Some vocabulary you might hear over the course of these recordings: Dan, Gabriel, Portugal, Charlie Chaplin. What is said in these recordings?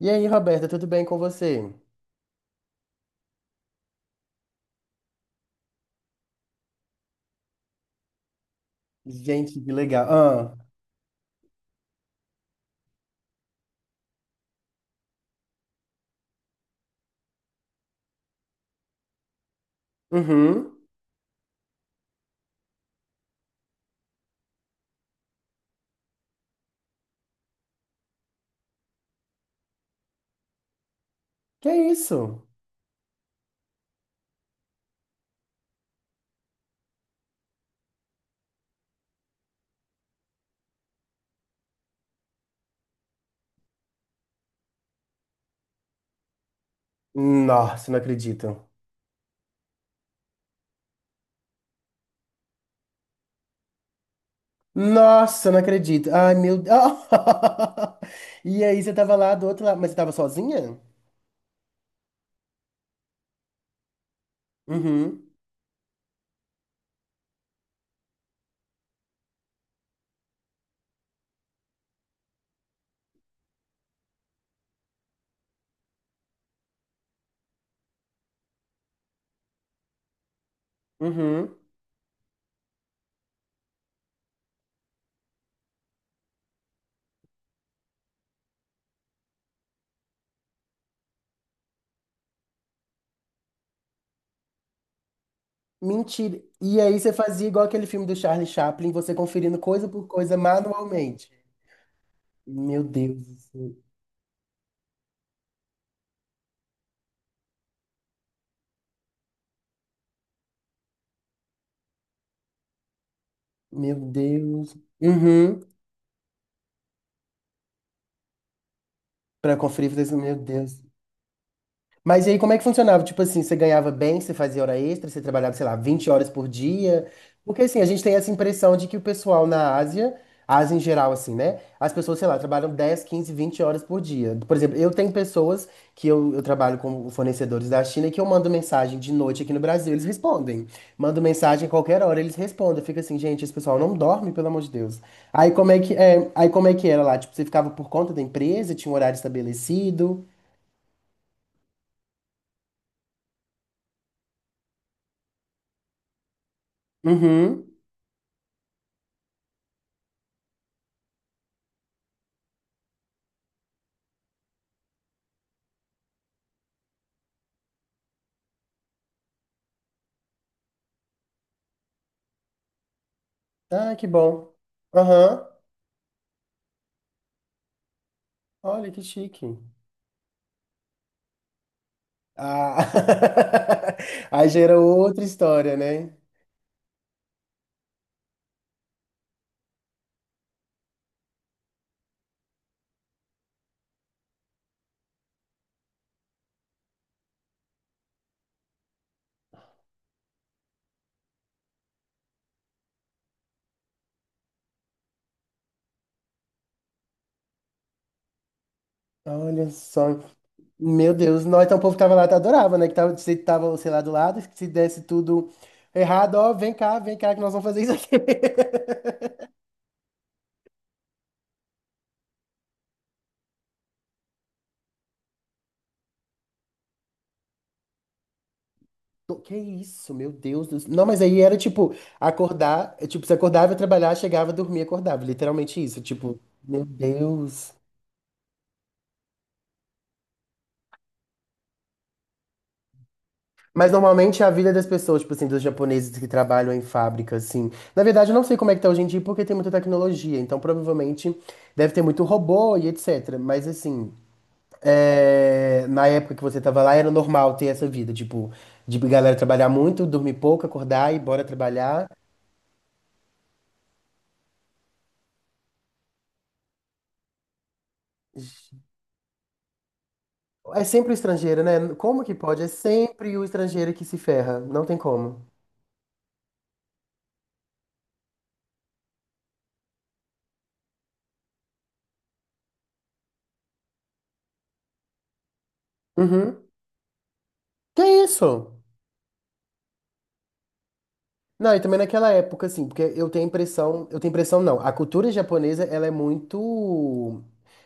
E aí, Roberta, tudo bem com você? Gente, que legal. Ah, uhum. Que isso? Nossa, não acredito. Nossa, não acredito. Ai, meu Deus. E aí, você tava lá do outro lado, mas você tava sozinha? Uhum, uhum. Mentira. E aí, você fazia igual aquele filme do Charlie Chaplin, você conferindo coisa por coisa manualmente. Meu Deus, meu Deus. Uhum. Pra conferir, fazer isso, meu Deus. Mas e aí, como é que funcionava? Tipo assim, você ganhava bem, você fazia hora extra, você trabalhava, sei lá, 20 horas por dia? Porque assim, a gente tem essa impressão de que o pessoal na Ásia, Ásia em geral, assim, né? As pessoas, sei lá, trabalham 10 15 20 horas por dia. Por exemplo, eu tenho pessoas que eu trabalho com fornecedores da China e que eu mando mensagem de noite aqui no Brasil, eles respondem. Mando mensagem a qualquer hora, eles respondem. Fica assim, gente, esse pessoal não dorme, pelo amor de Deus. Aí como é que era lá? Tipo, você ficava por conta da empresa, tinha um horário estabelecido? Uhum. Ah, que bom. Aham. Olha que chique. Ah. Aí gera outra história, né? Olha só. Meu Deus. Nós então o povo que tava lá adorava, né? Que tava, se tava, sei lá, do lado, que se desse tudo errado, ó, vem cá que nós vamos fazer isso aqui. Tô- Que isso, meu Deus do céu. Não, mas aí era tipo, acordar, é, tipo, você acordava, ia trabalhar, chegava, dormia, acordava. Literalmente isso. Tipo, meu Deus. Mas normalmente é a vida das pessoas, tipo assim, dos japoneses que trabalham em fábrica, assim. Na verdade, eu não sei como é que tá hoje em dia, porque tem muita tecnologia. Então, provavelmente, deve ter muito robô e etc. Mas, assim, é, na época que você tava lá, era normal ter essa vida, tipo, de galera trabalhar muito, dormir pouco, acordar e bora trabalhar. É sempre o estrangeiro, né? Como que pode? É sempre o estrangeiro que se ferra. Não tem como. Uhum. Que isso? Não, e também naquela época, assim, porque eu tenho a impressão, eu tenho a impressão não, a cultura japonesa, ela é muito,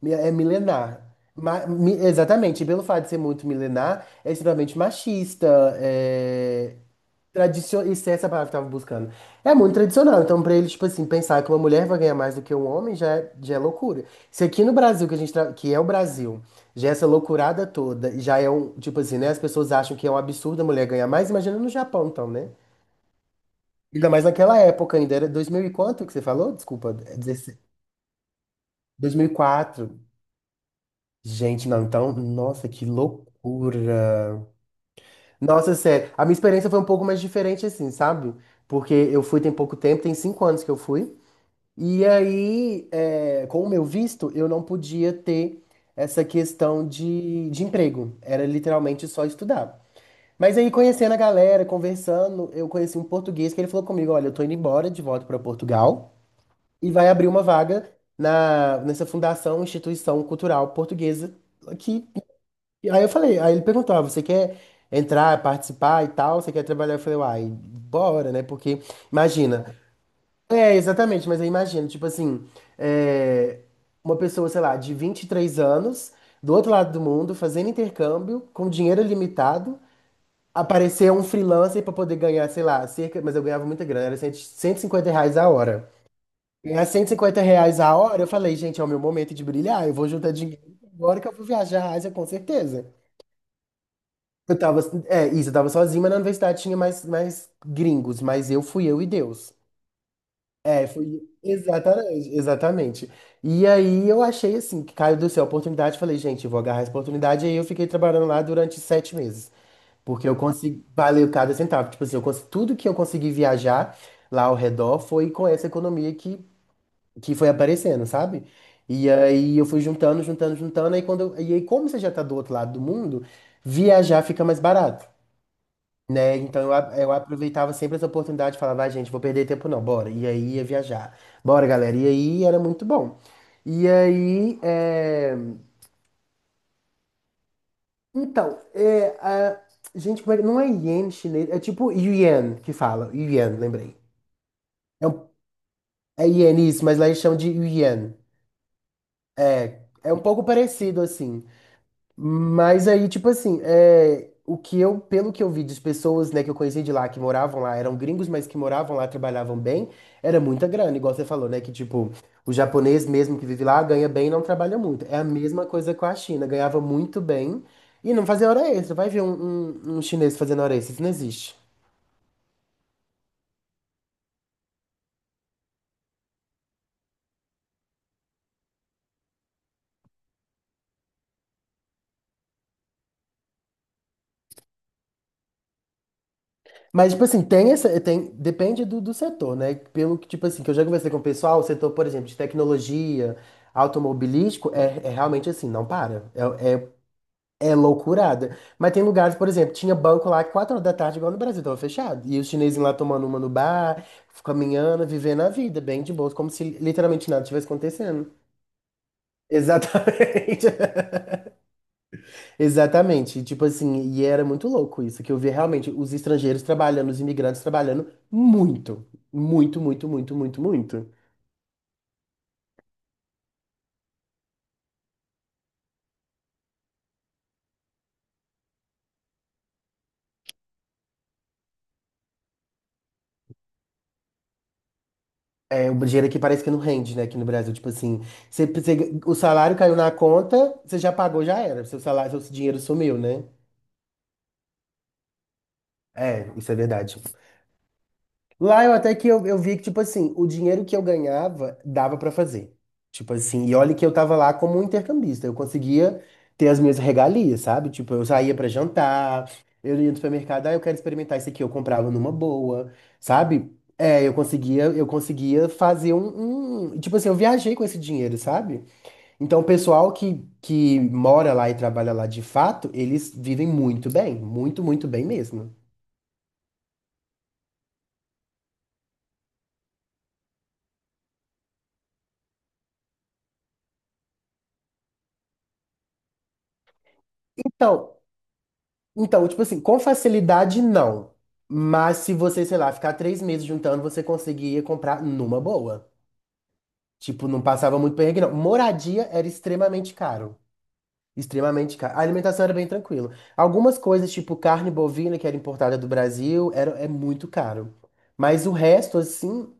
é milenar. Exatamente, e pelo fato de ser muito milenar, é extremamente machista, é, isso é essa palavra que eu tava buscando, é muito tradicional, então pra eles, tipo assim, pensar que uma mulher vai ganhar mais do que um homem já é loucura. Se aqui no Brasil, que a gente, que é o Brasil, já é essa loucurada toda, já é um, tipo assim, né, as pessoas acham que é um absurdo a mulher ganhar mais, imagina no Japão, então, né? Ainda mais naquela época ainda, era 2000 e quanto que você falou? Desculpa, é 16 2004. Gente, não, então, nossa, que loucura. Nossa, sério, a minha experiência foi um pouco mais diferente assim, sabe? Porque eu fui tem pouco tempo, tem 5 anos que eu fui. E aí, é, com o meu visto, eu não podia ter essa questão de emprego. Era literalmente só estudar. Mas aí, conhecendo a galera, conversando, eu conheci um português que ele falou comigo, olha, eu tô indo embora de volta pra Portugal, e vai abrir uma vaga nessa fundação, instituição cultural portuguesa. Que, aí eu falei, aí ele perguntou, ah, você quer entrar, participar e tal? Você quer trabalhar? Eu falei, uai, bora, né? Porque, imagina. É, exatamente, mas aí imagina, tipo assim, é, uma pessoa, sei lá, de 23 anos, do outro lado do mundo, fazendo intercâmbio, com dinheiro limitado, aparecer um freelancer para poder ganhar, sei lá, cerca, mas eu ganhava muita grana, era R$ 150 a hora. Ganhar R$ 150 a hora, eu falei, gente, é o meu momento de brilhar, eu vou juntar dinheiro agora que eu vou viajar a Ásia, com certeza. Eu tava, é, isso, eu tava sozinho, mas na universidade tinha mais, gringos, mas eu fui eu e Deus. É, fui, exatamente, exatamente. E aí eu achei assim, que caiu do céu a oportunidade, falei, gente, eu vou agarrar essa oportunidade, e aí eu fiquei trabalhando lá durante 7 meses, porque eu consegui, valeu cada centavo, tipo assim, eu consegui, tudo que eu consegui viajar lá ao redor foi com essa economia que foi aparecendo, sabe? E aí eu fui juntando, juntando, juntando, aí quando eu- e aí como você já tá do outro lado do mundo, viajar fica mais barato, né? Então eu, a- eu aproveitava sempre essa oportunidade, falava, vai, gente, vou perder tempo não, bora. E aí ia viajar. Bora, galera. E aí era muito bom. E aí, é... então, é, a... gente, como é não é iene chinês, é tipo yuan que fala, yuan, lembrei. É, um... é iene isso, mas lá eles chamam de yuan. É um pouco parecido assim. Mas aí, tipo assim, é, o que eu, pelo que eu vi das pessoas, né, que eu conheci de lá, que moravam lá, eram gringos, mas que moravam lá, trabalhavam bem, era muita grana, igual você falou, né, que tipo, o japonês mesmo que vive lá ganha bem e não trabalha muito. É a mesma coisa com a China, ganhava muito bem e não fazia hora extra. Vai ver um chinês fazendo hora extra, isso não existe. Mas, tipo assim, depende do setor, né? Pelo que, tipo assim, que eu já conversei com o pessoal, o setor, por exemplo, de tecnologia, automobilístico, é, é realmente assim, não para. É loucurada. Mas tem lugares, por exemplo, tinha banco lá que 4 horas da tarde, igual no Brasil, tava fechado. E os chineses lá tomando uma no bar, caminhando, vivendo a vida, bem de boa, como se literalmente nada tivesse acontecendo. Exatamente. Exatamente. E, tipo assim, e era muito louco isso, que eu via realmente os estrangeiros trabalhando, os imigrantes trabalhando muito. Muito, muito, muito, muito, muito. É, o dinheiro aqui parece que não rende, né, aqui no Brasil. Tipo assim, você, você- o salário caiu na conta, você já pagou, já era. Seu salário, seu dinheiro sumiu, né? É, isso é verdade. Lá eu até que eu vi que, tipo assim, o dinheiro que eu ganhava dava pra fazer. Tipo assim, e olha que eu tava lá como um intercambista. Eu conseguia ter as minhas regalias, sabe? Tipo, eu saía pra jantar, eu ia no supermercado, ah, eu quero experimentar isso aqui, eu comprava numa boa, sabe? É, eu conseguia fazer um, um- Tipo assim, eu viajei com esse dinheiro, sabe? Então, o pessoal que mora lá e trabalha lá de fato, eles vivem muito bem, muito, muito bem mesmo. Então, tipo assim, com facilidade não. Mas se você, sei lá, ficar 3 meses juntando, você conseguia comprar numa boa. Tipo, não passava muito perrengue, não. Moradia era extremamente caro. Extremamente caro. A alimentação era bem tranquila. Algumas coisas, tipo carne bovina, que era importada do Brasil, era, é muito caro. Mas o resto, assim,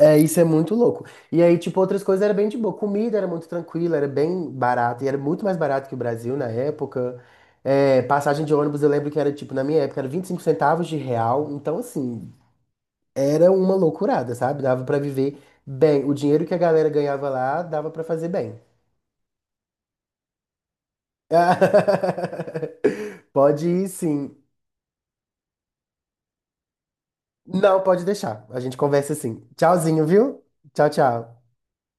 é, isso é muito louco. E aí, tipo, outras coisas era bem de boa. Comida era muito tranquila, era bem barata. E era muito mais barato que o Brasil na época. É, passagem de ônibus, eu lembro que era, tipo, na minha época, era 25 centavos de real. Então, assim, era uma loucurada, sabe? Dava pra viver bem. O dinheiro que a galera ganhava lá, dava pra fazer bem. Pode ir, sim. Não, pode deixar. A gente conversa assim. Tchauzinho, viu? Tchau, tchau.